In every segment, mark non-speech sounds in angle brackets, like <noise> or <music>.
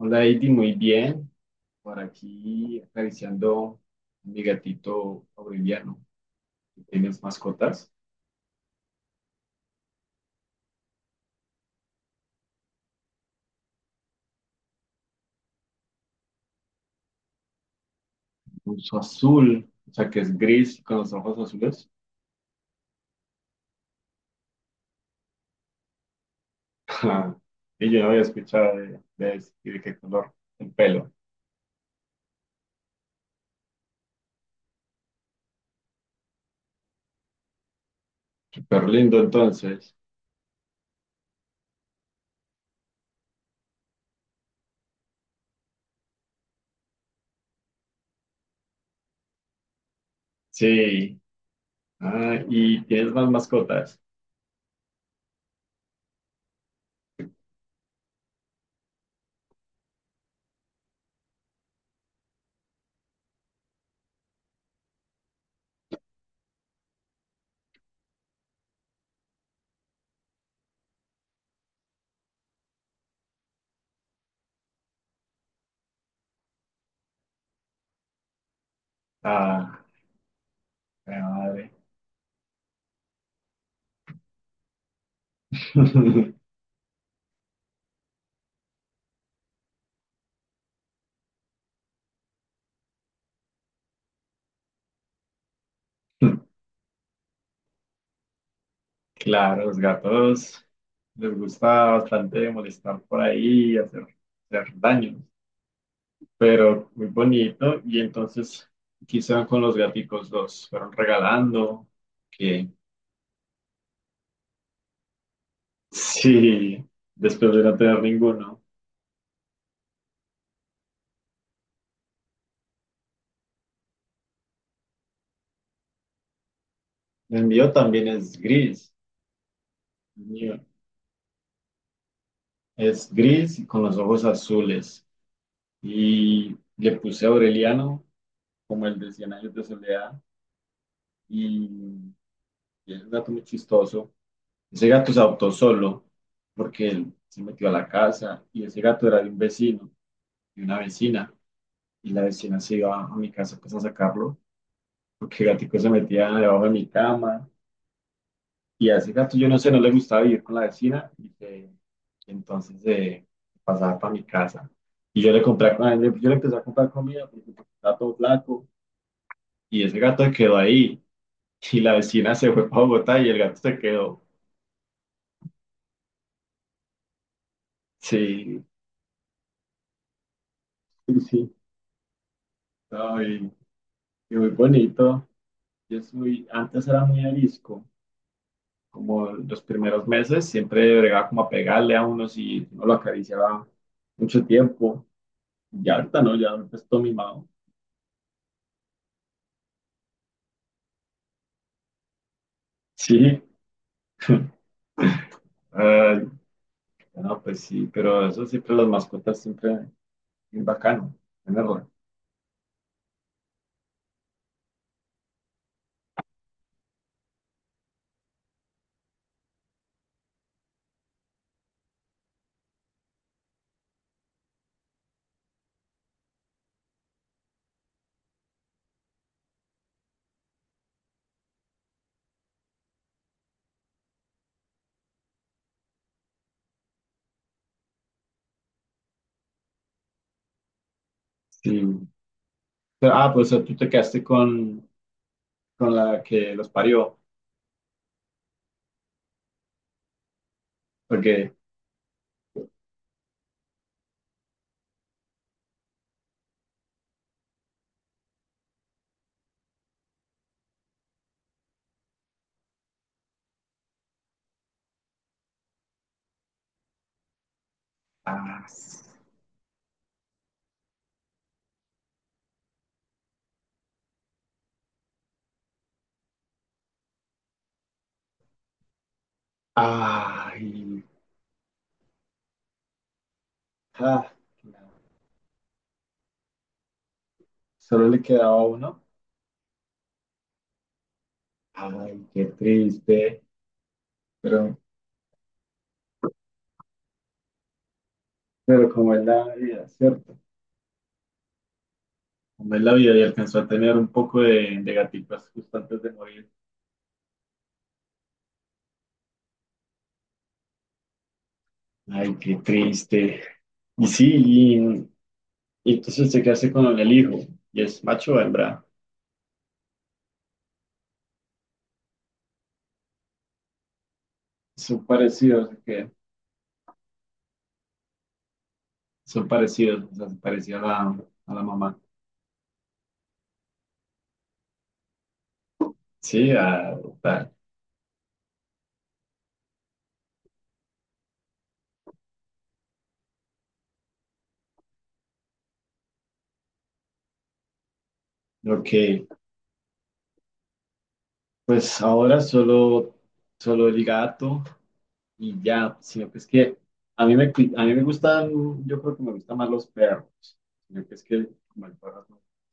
Hola, Heidi, muy bien. Por aquí acariciando a mi gatito Aureliano. ¿Tienes mascotas? Uso azul, o sea que es gris con los ojos azules. <laughs> Y yo no había escuchado ese y de qué color el pelo. Súper lindo entonces. Sí. Ah, ¿y tienes más mascotas? Ah, qué madre. <laughs> Claro, los gatos les gusta bastante molestar por ahí y hacer daño. Pero muy bonito. Y entonces quizá con los gaticos los fueron regalando, que sí, después de no tener ninguno. El mío también es gris, el mío es gris y con los ojos azules. Y le puse Aureliano, como el de Cien años de soledad, y, y es un gato muy chistoso. Ese gato se adoptó solo porque él se metió a la casa, y ese gato era de un vecino, de una vecina. Y la vecina se iba a mi casa pues a sacarlo, porque el gatico se metía debajo de mi cama. Y a ese gato yo no sé, no le gustaba vivir con la vecina y y entonces pasaba para mi casa. Y yo le compré, yo le empecé a comprar comida porque estaba todo flaco, y ese gato se quedó ahí, y la vecina se fue para Bogotá y el gato se quedó. Sí, sí, sí. No, y muy bonito. Yo soy, antes era muy arisco, como los primeros meses siempre bregaba como a pegarle a uno si no lo acariciaba mucho tiempo. Ya ahorita no, ya pues todo mimado. Sí, ay, no, pues sí, pero eso siempre, las mascotas siempre es bacano tenerla. Sí. Pero, ah, pues tú te quedaste con la que los parió, porque, ah, s-, ay, ah, solo le quedaba uno. Ay, qué triste, pero, pero como es la vida, ¿cierto? Como es la vida, y alcanzó a tener un poco de gatitas justo antes de morir. Ay, qué triste. Y sí, y entonces se hace con el hijo, y es macho o hembra. Son parecidos, ¿sí? Que son parecidos, o sea, se parecía a la mamá. Sí, a adoptar. Ok, pues ahora solo, solo el gato y ya, sino que es que a mí me, a mí me gustan, yo creo que me gustan más los perros, sino que es que como el perro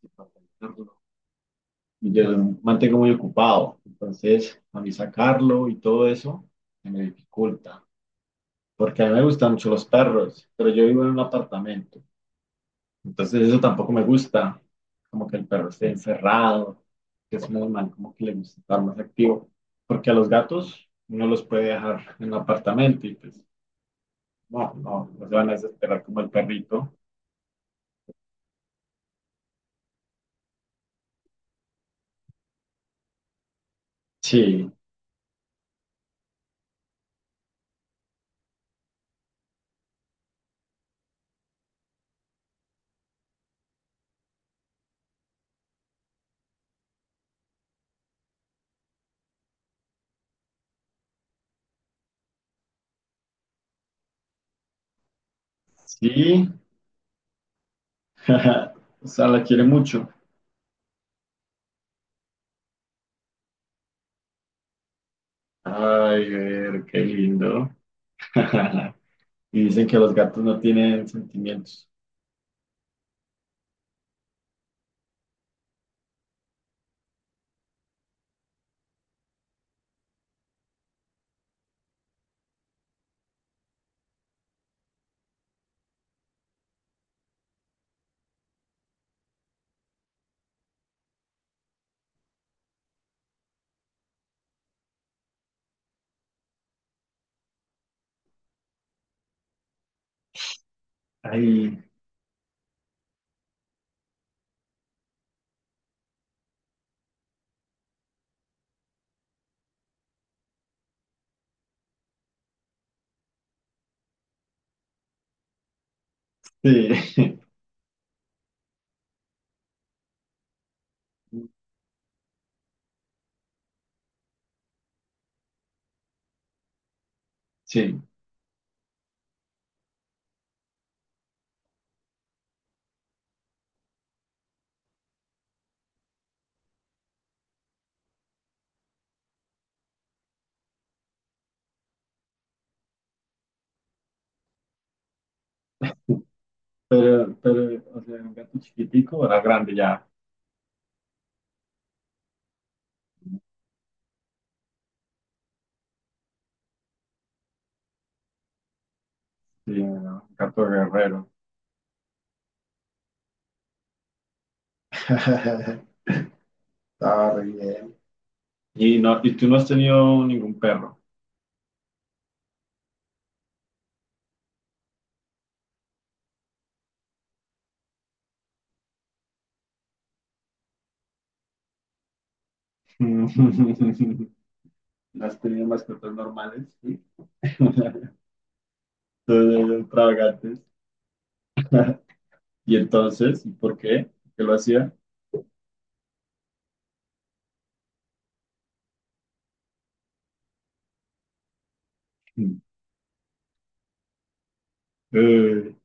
es más- yo mantengo muy ocupado, entonces a mí sacarlo y todo eso se me dificulta, porque a mí me gustan mucho los perros, pero yo vivo en un apartamento, entonces eso tampoco me gusta, como que el perro esté encerrado, que es normal, como que le gusta estar más activo, porque a los gatos uno los puede dejar en un apartamento y pues no se van a desesperar como el perrito. Sí, sí, <laughs> o sea, la quiere mucho. Ay, ver, qué lindo. <laughs> Y dicen que los gatos no tienen sentimientos. Ay, sí, <laughs> sí. Pero, o sea, un gato chiquitico, era grande ya. Sí, ¿no? Un gato guerrero. <laughs> Está re bien. Y no, y tú no has tenido ningún perro. <laughs> No has tenido mascotas normales, ¿sí? <laughs> Entonces, eran extravagantes. <laughs> Y entonces, ¿y por qué? ¿Por qué lo hacía? <laughs> Mm. Eh,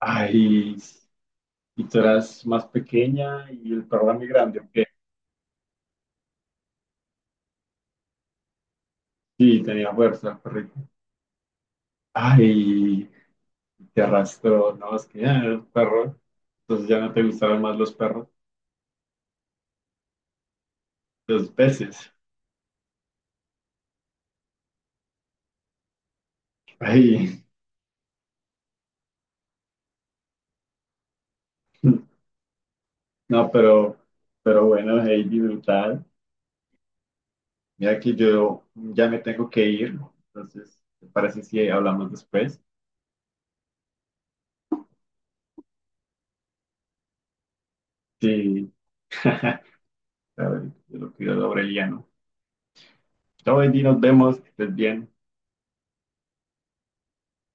ay, y tú eras más pequeña y el perro era muy grande, ¿o qué? Sí, tenía fuerza el perrito. Ay, te arrastró, no, es que ya el perro. Entonces ya no te gustaron más los perros, los peces. Ay, <laughs> no, pero bueno, Heidi, brutal. Mira que yo ya me tengo que ir, entonces, ¿te parece si hablamos después? Sí, <laughs> a ver, yo lo cuido de Aureliano. Chao, Heidi, nos vemos, que estés bien.